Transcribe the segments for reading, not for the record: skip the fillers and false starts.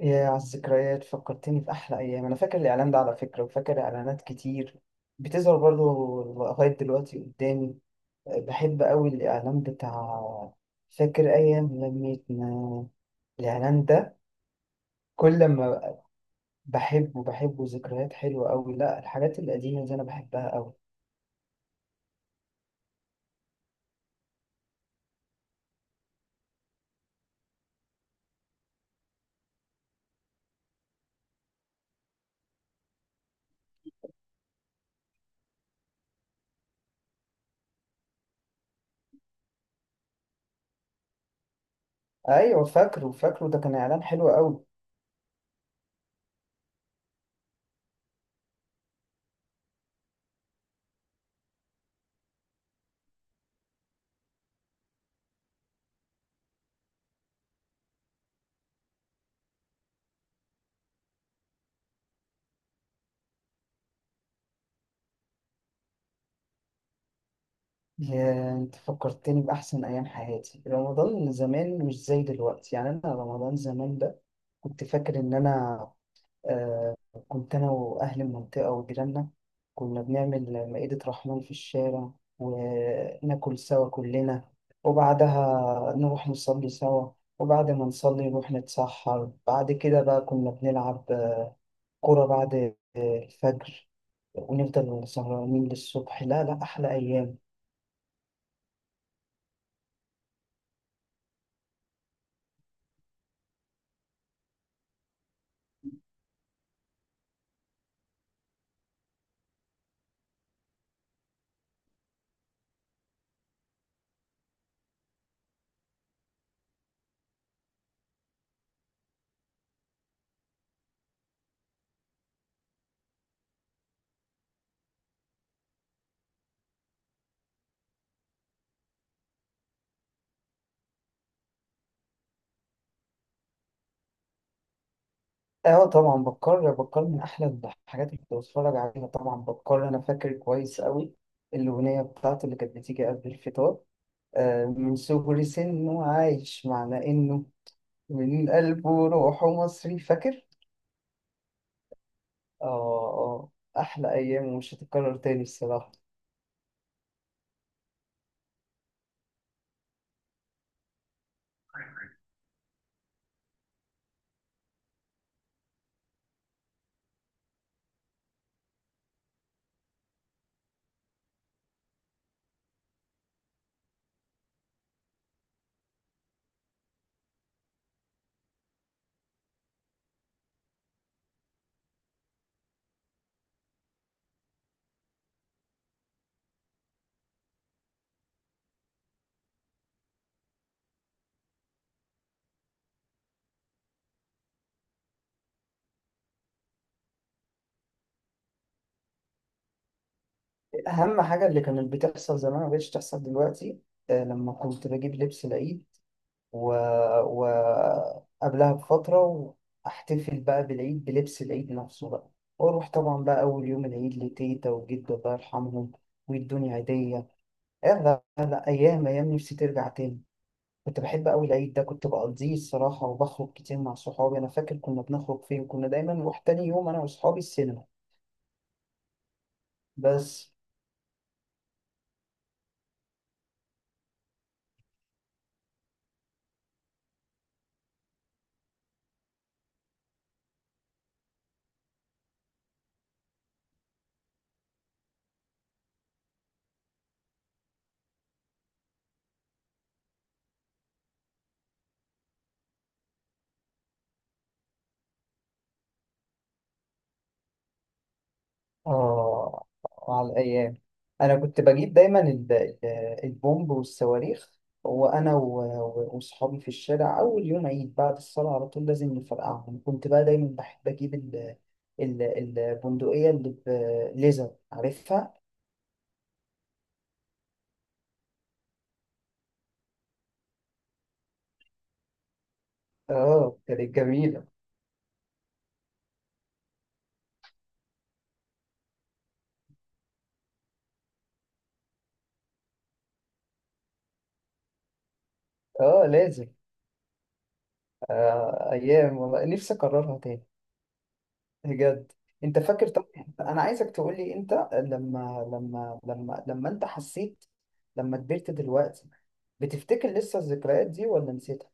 يا على الذكريات، فكرتني في أحلى أيام. أنا فاكر الإعلان ده على فكرة، وفاكر إعلانات كتير بتظهر برضه لغاية دلوقتي قدامي. بحب أوي الإعلان بتاع، فاكر أيام لميتنا الإعلان ده. كل ما بحبه، ذكريات حلوة أوي. لا، الحاجات القديمة دي أنا بحبها أوي. أيوة، فاكره فاكره، ده كان إعلان حلو أوي. يا أنت، فكرتني بأحسن أيام حياتي. رمضان زمان مش زي دلوقتي، يعني أنا رمضان زمان ده كنت فاكر إن أنا آه، كنت أنا وأهل المنطقة وجيراننا كنا بنعمل مائدة رحمن في الشارع، وناكل سوا كلنا، وبعدها نروح نصلي سوا، وبعد ما نصلي نروح نتسحر. بعد كده بقى كنا بنلعب كورة بعد الفجر، ونفضل سهرانين للصبح. لا لا، أحلى أيام. اه طبعا، بتكرر بتكرر، من احلى الحاجات اللي كنت بتفرج عليها طبعا بتكرر. انا فاكر كويس قوي الاغنيه بتاعته اللي كانت بتيجي قبل الفطار، من صغر سنه عايش معنى إنه من قلبه وروحه مصري. فاكر؟ آه آه، أحلى أيام ومش هتتكرر تاني الصراحة. أهم حاجة اللي كانت بتحصل زمان ما بقتش تحصل دلوقتي. لما كنت بجيب لبس العيد و... و... قبلها بفترة، وأحتفل بقى بالعيد بلبس العيد نفسه بقى، وأروح طبعا بقى أول يوم العيد لتيتا وجدو الله يرحمهم، ويدوني هدية. لا لا، أيام أيام، نفسي ترجع تاني. كنت بحب أوي العيد ده، كنت بقضيه الصراحة، وبخرج كتير مع صحابي. أنا فاكر كنا بنخرج فين، كنا دايما نروح تاني يوم أنا وصحابي السينما. بس آه على الأيام. أنا كنت بجيب دايما البومب والصواريخ، وأنا وصحابي في الشارع أول يوم عيد بعد الصلاة على طول لازم نفرقعهم. كنت بقى دايما بحب أجيب ال- البندقية اللي بليزر، عارفها؟ آه كانت جميلة. آه لازم. آه أيام والله، نفسي أكررها تاني بجد. انت فاكر؟ طب، انا عايزك تقول لي: انت لما انت حسيت لما كبرت دلوقتي، بتفتكر لسه الذكريات دي ولا نسيتها؟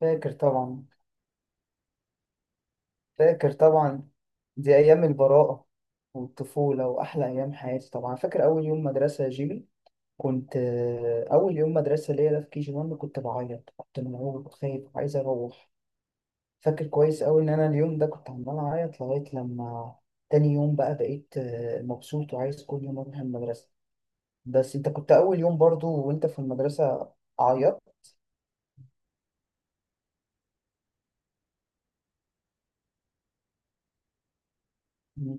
فاكر طبعا، فاكر طبعا. دي ايام البراءة والطفولة واحلى ايام حياتي طبعا. فاكر اول يوم مدرسة يا جيمي؟ كنت اول يوم مدرسة ليا ده في كي جي 1، كنت بعيط، كنت مرعوب وخايف وعايز اروح. فاكر كويس أوي إن أنا اليوم ده كنت عمال أعيط لغاية لما تاني يوم، بقى بقيت مبسوط وعايز كل يوم أروح المدرسة. بس أنت كنت أول يوم برضو وأنت في المدرسة عيطت. مم.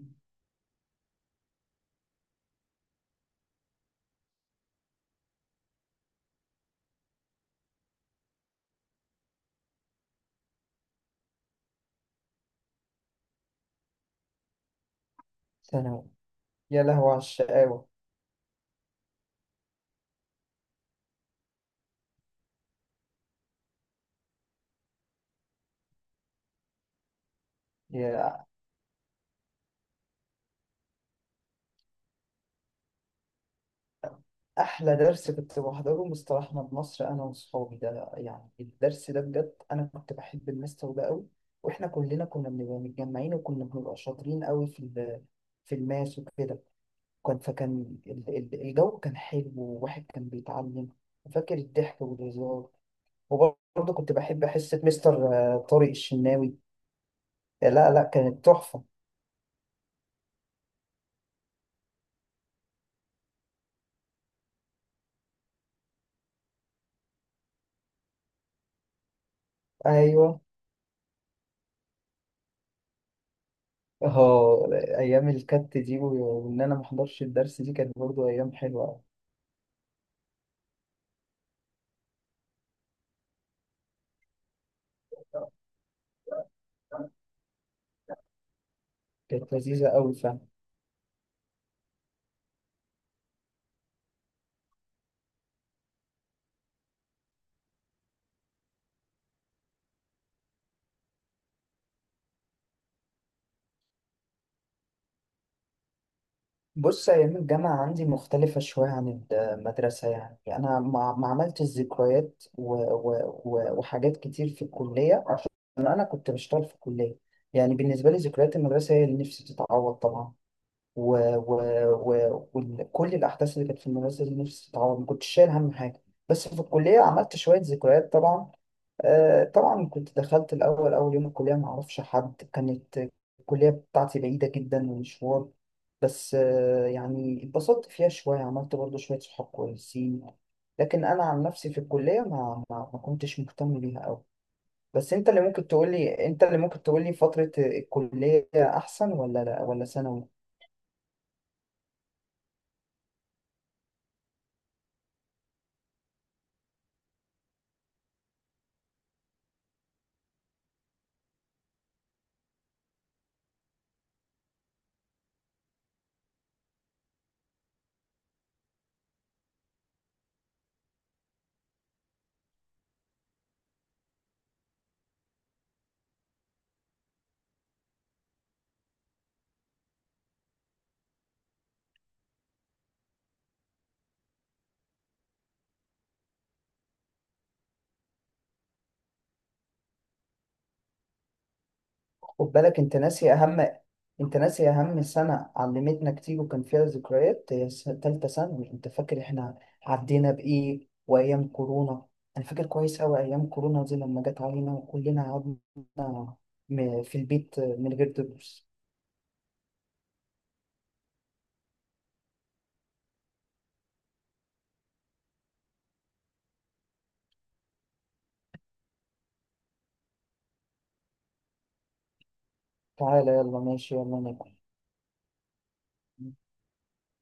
ثانوي. يا لهوي على الشقاوة. يا، أحلى درس كنت بحضره مستر أحمد مصر أنا وصحابي، ده يعني الدرس ده بجد أنا كنت بحب المستر ده أوي. وإحنا كلنا كنا بنبقى متجمعين، وكنا بنبقى شاطرين أوي في في الماس وكده. وكان الجو كان حلو، وواحد كان بيتعلم. وفاكر الضحك والهزار. وبرضه كنت بحب حصة مستر طارق الشناوي. لا لا، كانت تحفة. أيوه اه، أيام الكت دي وإن أنا محضرش الدرس دي، كانت برضه أيام حلوة. كانت لذيذة أوي فعلا. بص، أيام الجامعة عندي مختلفة شوية عن المدرسة. يعني أنا ما عملتش ذكريات وحاجات كتير في الكلية، عشان أنا كنت بشتغل في الكلية. يعني بالنسبة لي ذكريات المدرسة هي اللي نفسي تتعوض طبعا، و... و... وكل الأحداث اللي كانت في المدرسة اللي نفسي تتعوض. ما كنتش شايل هم حاجة. بس في الكلية عملت شوية ذكريات طبعا. طبعا كنت دخلت الأول أول يوم الكلية ما أعرفش حد. كانت الكلية بتاعتي بعيدة جدا ومشوار. بس يعني اتبسطت فيها شوية، عملت برضو شوية صحاب كويسين. لكن أنا عن نفسي في الكلية ما كنتش مهتم بيها أوي. بس أنت اللي ممكن تقولي فترة الكلية أحسن، ولا لا، ولا ثانوي؟ خد بالك انت ناسي اهم انت ناسي اهم سنة علمتنا كتير وكان فيها ذكريات، هي تالتة ثانوي. انت فاكر احنا عدينا بايه وايام كورونا؟ انا فاكر كويس اوي ايام كورونا دي لما جت علينا، وكلنا قعدنا في البيت من غير دروس. تعالى يلا، ماشي يلا ناكل.